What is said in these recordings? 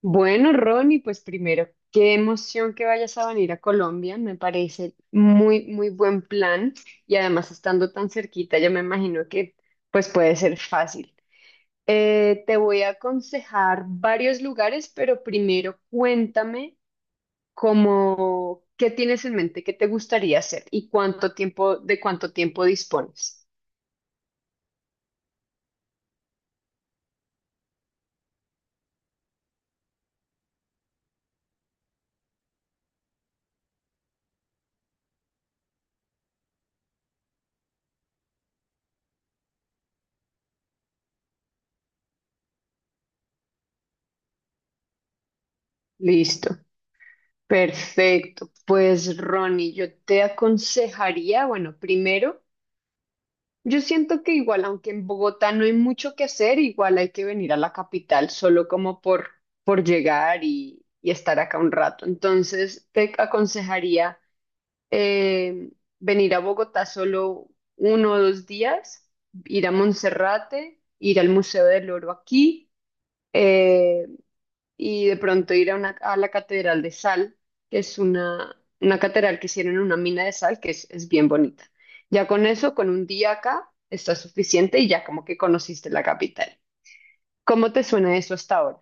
Bueno, Ronnie, pues primero, qué emoción que vayas a venir a Colombia, me parece muy buen plan y además estando tan cerquita, yo me imagino que pues puede ser fácil. Te voy a aconsejar varios lugares, pero primero cuéntame qué tienes en mente, qué te gustaría hacer y de cuánto tiempo dispones. Listo. Perfecto. Pues Ronnie, yo te aconsejaría, Yo siento que igual, aunque en Bogotá no hay mucho que hacer, igual hay que venir a la capital solo por llegar y estar acá un rato. Entonces, te aconsejaría eh, venir a Bogotá solo 1 o 2 días, ir a Monserrate, ir al Museo del Oro aquí, eh, y de pronto a la Catedral de Sal, que es una catedral que hicieron en una mina de sal, que es bien bonita. Ya con eso, con un día acá, está suficiente y ya como que conociste la capital. ¿Cómo te suena eso hasta ahora?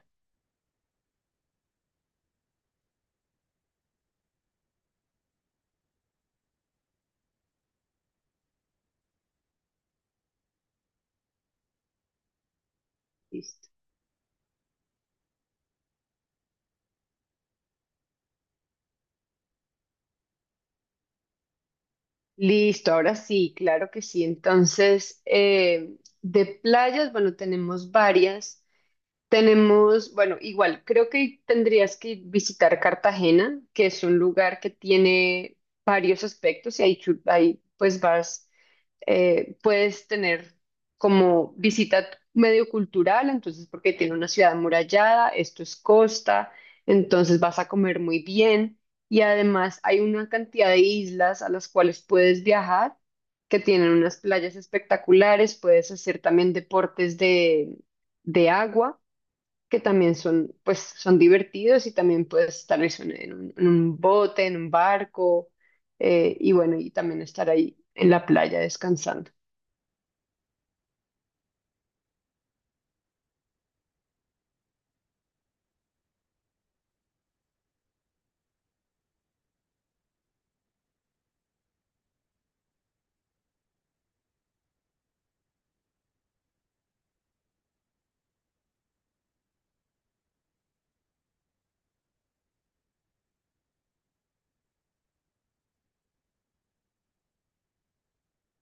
Listo. Listo, ahora sí, claro que sí. Entonces, de playas, bueno, tenemos varias. Igual, creo que tendrías que visitar Cartagena, que es un lugar que tiene varios aspectos y ahí, pues vas, puedes tener como visita medio cultural, entonces porque tiene una ciudad amurallada, esto es costa, entonces vas a comer muy bien y además hay una cantidad de islas a las cuales puedes viajar, que tienen unas playas espectaculares, puedes hacer también de agua que también son divertidos y también puedes tal vez en un bote, en un barco, y bueno, y también estar ahí en la playa descansando.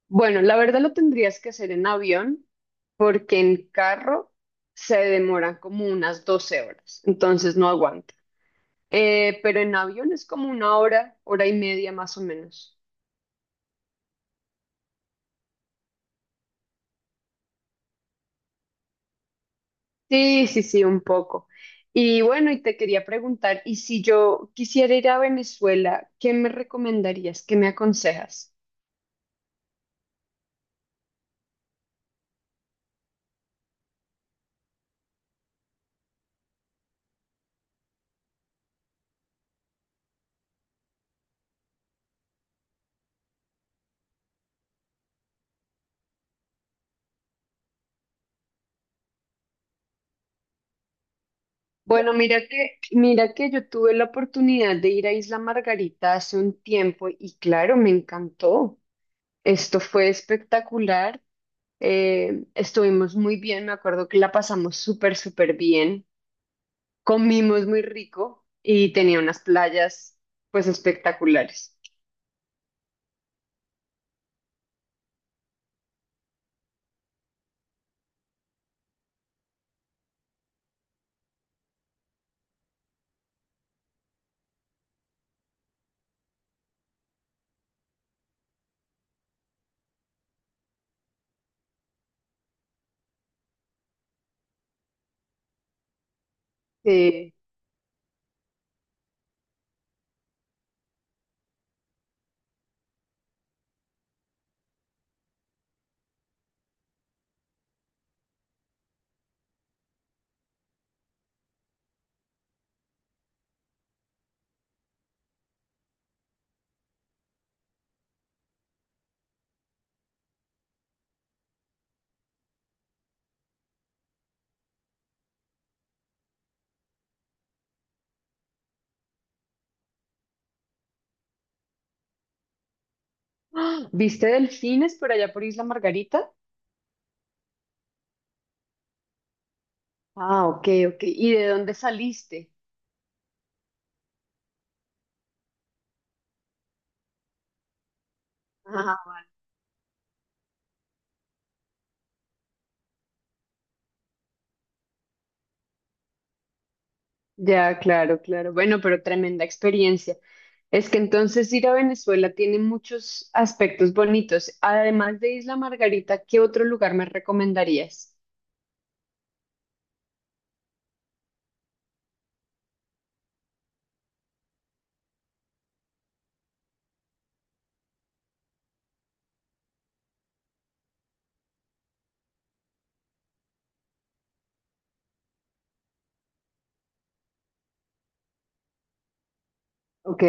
Bueno, la verdad lo tendrías que hacer en avión porque en carro se demoran como unas 12 horas, entonces no aguanta. Pero en avión es como una hora, hora y media más o menos. Sí, sí, sí, un poco. Y bueno, y te quería preguntar, ¿y si yo quisiera ir a Venezuela, qué me recomendarías? ¿Qué me aconsejas? Bueno, mira que yo tuve la oportunidad de ir a Isla Margarita hace un tiempo y claro, me encantó. Esto fue espectacular. Estuvimos muy bien, me acuerdo que la pasamos súper bien. Comimos muy rico y tenía unas playas pues espectaculares. Eh, ¡Ah! ¿Viste delfines por allá por Isla Margarita? Ah, ok, ok. ¿Y de dónde saliste? Ajá. Ya, claro, claro. Bueno, pero tremenda experiencia. Es que entonces ir a Venezuela tiene muchos aspectos bonitos. Además de Isla Margarita, ¿qué otro lugar me recomendarías? Ok.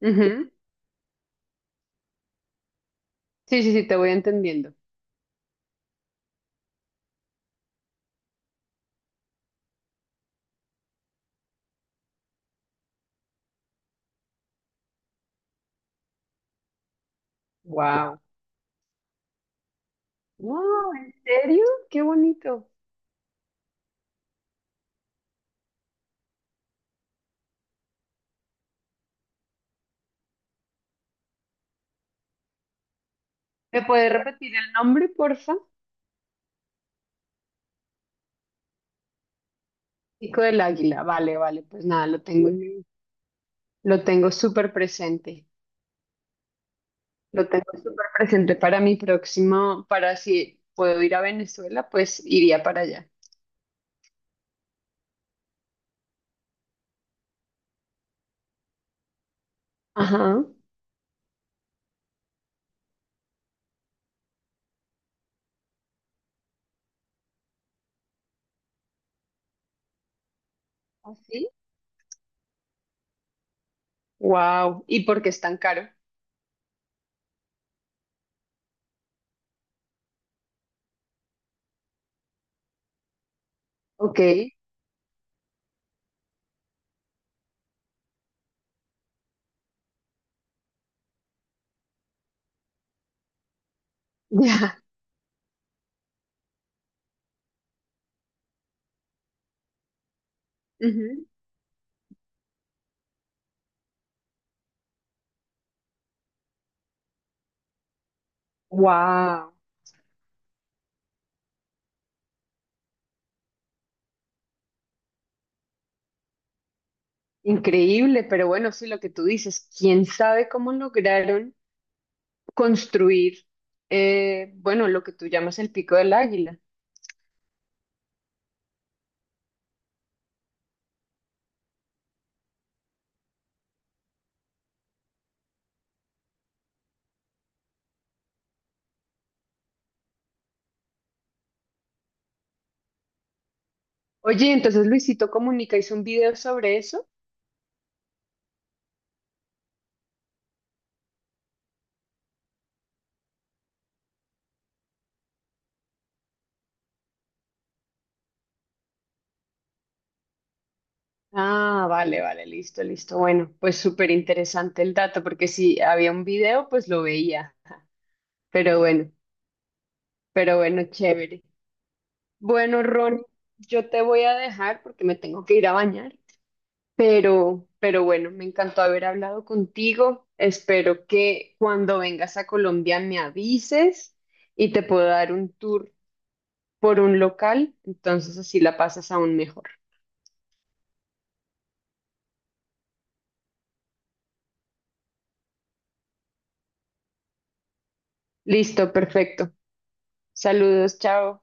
Ujú. Sí, sí, sí, te voy entendiendo. Wow. Wow, ¿en serio? Qué bonito. ¿Me puedes repetir el nombre, porfa? Pico del Águila. Vale, vale, pues nada, lo tengo. Lo tengo súper presente, lo tengo súper presente para mi próximo, para si puedo ir a Venezuela, pues iría para allá. Ajá. ¿Así? Wow. ¿Y por qué es tan caro? Ok, ya. Ujú. Wow. Increíble, pero bueno, sí, lo que tú dices, quién sabe cómo lograron construir, bueno, lo que tú llamas el Pico del Águila. Oye, entonces Luisito Comunica hizo un video sobre eso. Ah, vale, vale, listo, listo. Bueno, pues súper interesante el dato, porque si había un video, pues lo veía. Pero bueno, pero bueno, chévere. Bueno, Ron, yo te voy a dejar porque me tengo que ir a bañar, pero bueno, me encantó haber hablado contigo. Espero que cuando vengas a Colombia me avises y te puedo dar un tour por un local, entonces así la pasas aún mejor. Listo, perfecto. Saludos, chao.